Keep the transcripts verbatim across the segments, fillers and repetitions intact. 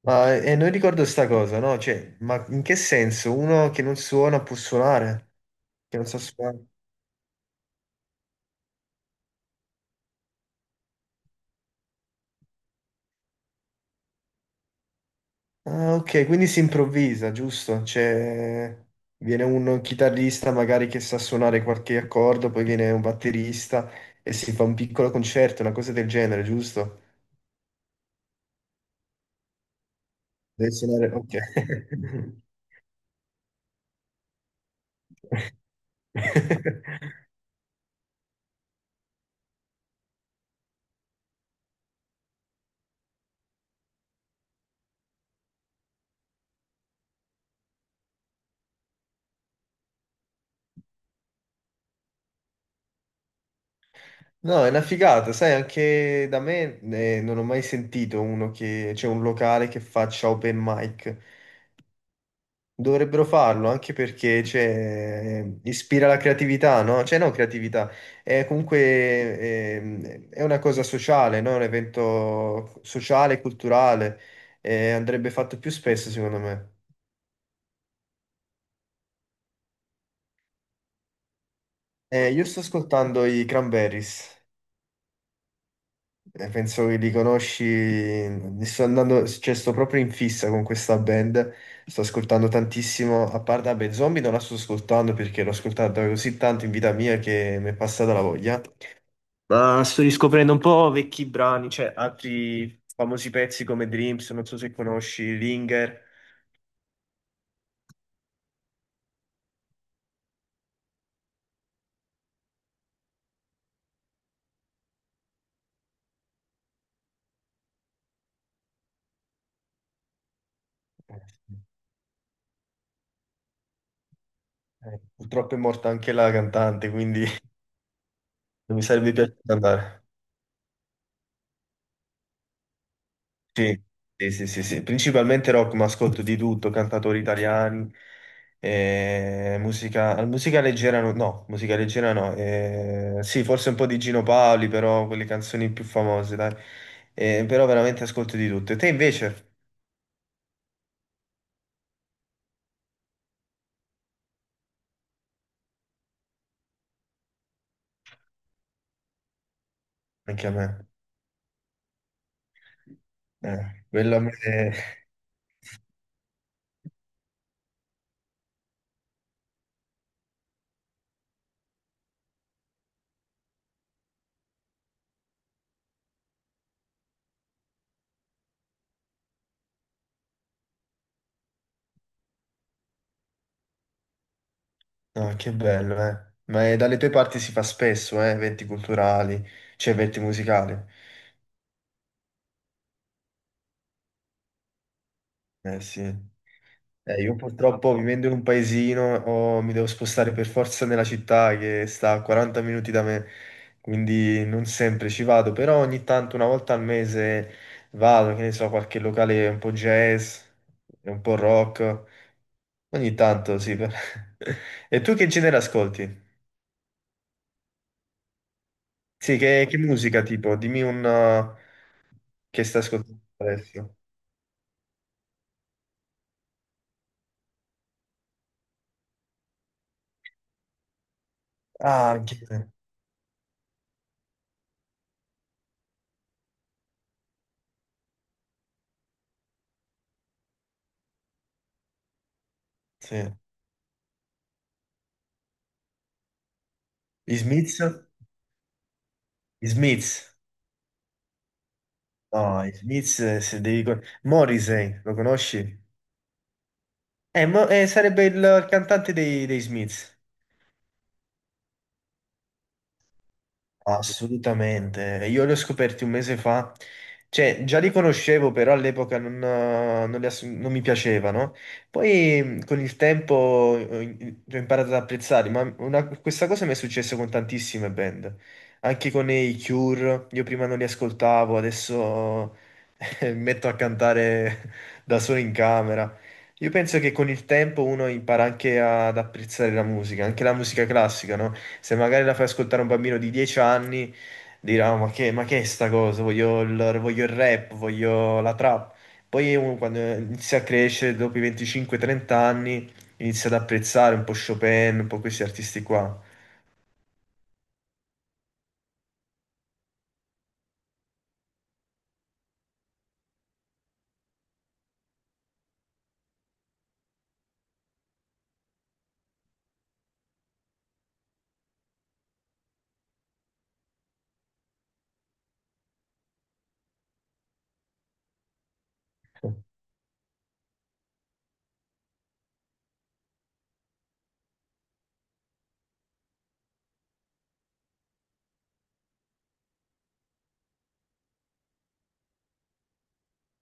Ma eh, non ricordo sta cosa, no? Cioè, ma in che senso? Uno che non suona può suonare? Che non sa suonare? Ah, ok, quindi si improvvisa, giusto? Cioè, viene un chitarrista magari che sa suonare qualche accordo, poi viene un batterista e si fa un piccolo concerto, una cosa del genere, giusto? Deve suonare. Ok. No, è una figata, sai, anche da me eh, non ho mai sentito uno che... c'è un locale che faccia open mic. Dovrebbero farlo anche perché cioè, ispira la creatività, no? Cioè, no, creatività, è comunque ehm, è una cosa sociale, no? Un evento sociale, e culturale, eh, andrebbe fatto più spesso, secondo me. Eh, io sto ascoltando i Cranberries, eh, penso che li conosci, li sto andando, cioè, sto proprio in fissa con questa band, sto ascoltando tantissimo, a parte, vabbè, Zombie non la sto ascoltando perché l'ho ascoltata così tanto in vita mia che mi è passata la voglia. Ma sto riscoprendo un po' vecchi brani, cioè altri famosi pezzi come Dreams, non so se conosci, Linger. Eh, purtroppo è morta anche la cantante, quindi non mi sarebbe piaciuto andare. Sì, sì, sì, sì, sì. Principalmente rock, ma ascolto di tutto, cantatori italiani, eh, musica, musica leggera no, no, musica leggera no, eh, sì, forse un po' di Gino Paoli, però quelle canzoni più famose, dai. Eh, però veramente ascolto di tutto. E te invece? Anche a me. Eh, quello a me... No, che bello, eh. Ma eh, dalle tue parti si fa spesso, eh, eventi culturali, cioè eventi musicali. Eh sì. Eh, io purtroppo vivendo in un paesino oh, mi devo spostare per forza nella città che sta a quaranta minuti da me, quindi non sempre ci vado, però ogni tanto, una volta al mese, vado, che ne so, qualche locale un po' jazz, un po' rock, ogni tanto sì. per- E tu che genere ascolti? Sì, che, che musica tipo? Dimmi un uh, che stai ascoltando adesso. Ah, anche te. Sì. Gli Smiths? Gli Smiths. No, gli Smiths, eh, se devi... con- Morrissey, lo conosci? Eh, Mo- eh, sarebbe il, il cantante dei, dei Smiths. Assolutamente, io li ho scoperti un mese fa, cioè già li conoscevo, però all'epoca non, eh, non li ass- non mi piacevano. Poi mh, con il tempo ho in- ho imparato ad apprezzarli, ma una- questa cosa mi è successa con tantissime band, anche con i Cure, io prima non li ascoltavo, adesso eh, mi metto a cantare da solo in camera. Io penso che con il tempo uno impara anche ad apprezzare la musica, anche la musica classica, no? Se magari la fai ascoltare a un bambino di dieci anni, dirà, "Oh, ma che, ma che è sta cosa? Voglio il, voglio il rap, voglio la trap." Poi uno quando inizia a crescere, dopo i venticinque trenta anni, inizia ad apprezzare un po' Chopin, un po' questi artisti qua.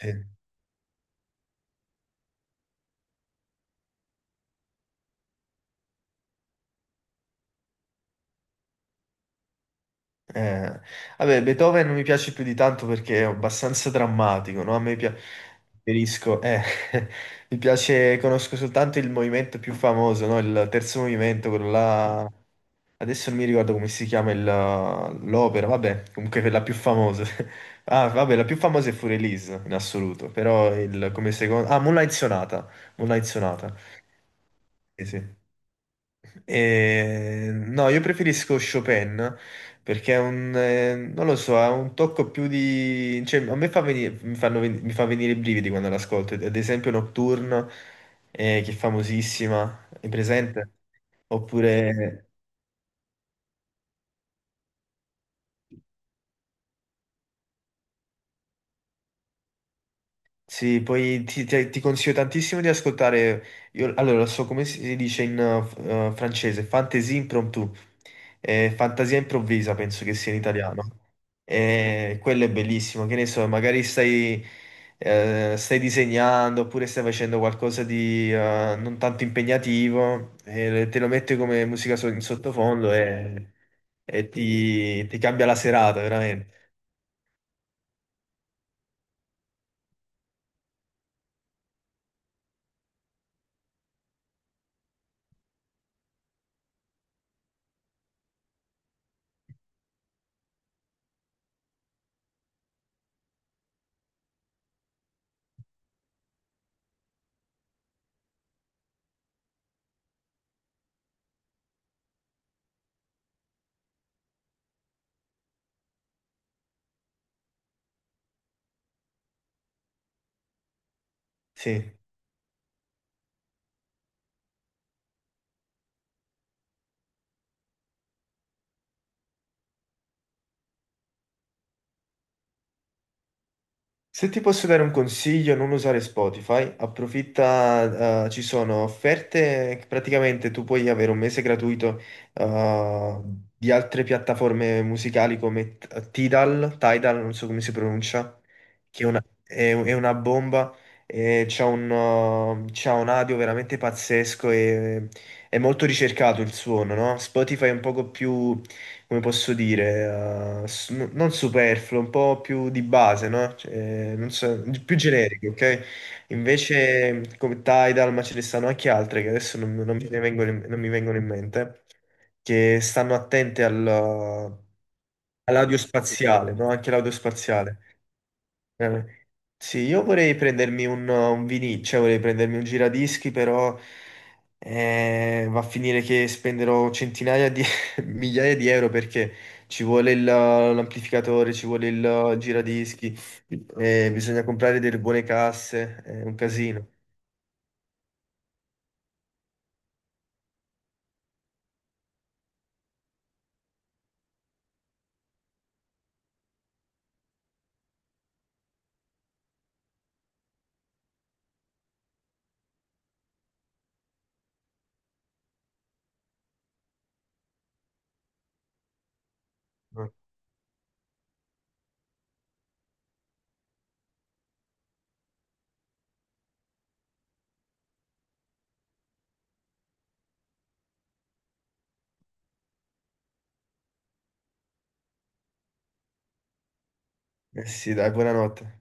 Sì. Eh, vabbè, Beethoven non mi piace più di tanto perché è abbastanza drammatico, no? A me pia- preferisco, eh, mi piace, conosco soltanto il movimento più famoso, no? Il terzo movimento, quello là, adesso non mi ricordo come si chiama il- l'opera, vabbè, comunque quella più famosa. Ah, vabbè, la più famosa è Fu Release in assoluto, però il, come secondo. Ah, Moonlight Sonata, Moonlight Sonata, sì, sì. Eh, no, io preferisco Chopin perché è un, eh, non lo so, ha un tocco più di, cioè, a me fa venire, mi fanno ven- mi fa venire i brividi quando l'ascolto, ad esempio Nocturne, eh, che è famosissima, è presente? Sì. Oppure. Sì, poi ti, ti- ti consiglio tantissimo di ascoltare. Io, allora, lo so come si dice in eh, francese, fantasie impromptu, Eh, fantasia improvvisa, penso che sia in italiano. E quello è bellissimo, che ne so, magari stai, eh, stai disegnando oppure stai facendo qualcosa di eh, non tanto impegnativo, e te lo metti come musica so- in sottofondo e, e ti, ti cambia la serata, veramente. Sì. Se ti posso dare un consiglio, non usare Spotify, approfitta, eh, ci sono offerte che praticamente tu puoi avere un mese gratuito, eh, di altre piattaforme musicali come T- Tidal, Tidal, non so come si pronuncia, che è una, è- è una bomba, e c'ha un, eh, c'ha un audio veramente pazzesco e è molto ricercato il suono, no? Spotify è un poco più come posso dire, eh, s- n- non superfluo, un po' più di base, no? Cioè, non so, più generiche, ok? Invece come Tidal, ma ce ne stanno anche altre che adesso non, non mi vengono in, non mi vengono in mente, che stanno attente al- all'audio spaziale, no? Anche l'audio spaziale. Eh, Sì, io vorrei prendermi un, un vinil, cioè vorrei prendermi un giradischi, però eh, va a finire che spenderò centinaia di migliaia di euro perché ci vuole il- l'amplificatore, ci vuole il giradischi, eh, bisogna comprare delle buone casse, è un casino. Eh sì, dai, buonanotte.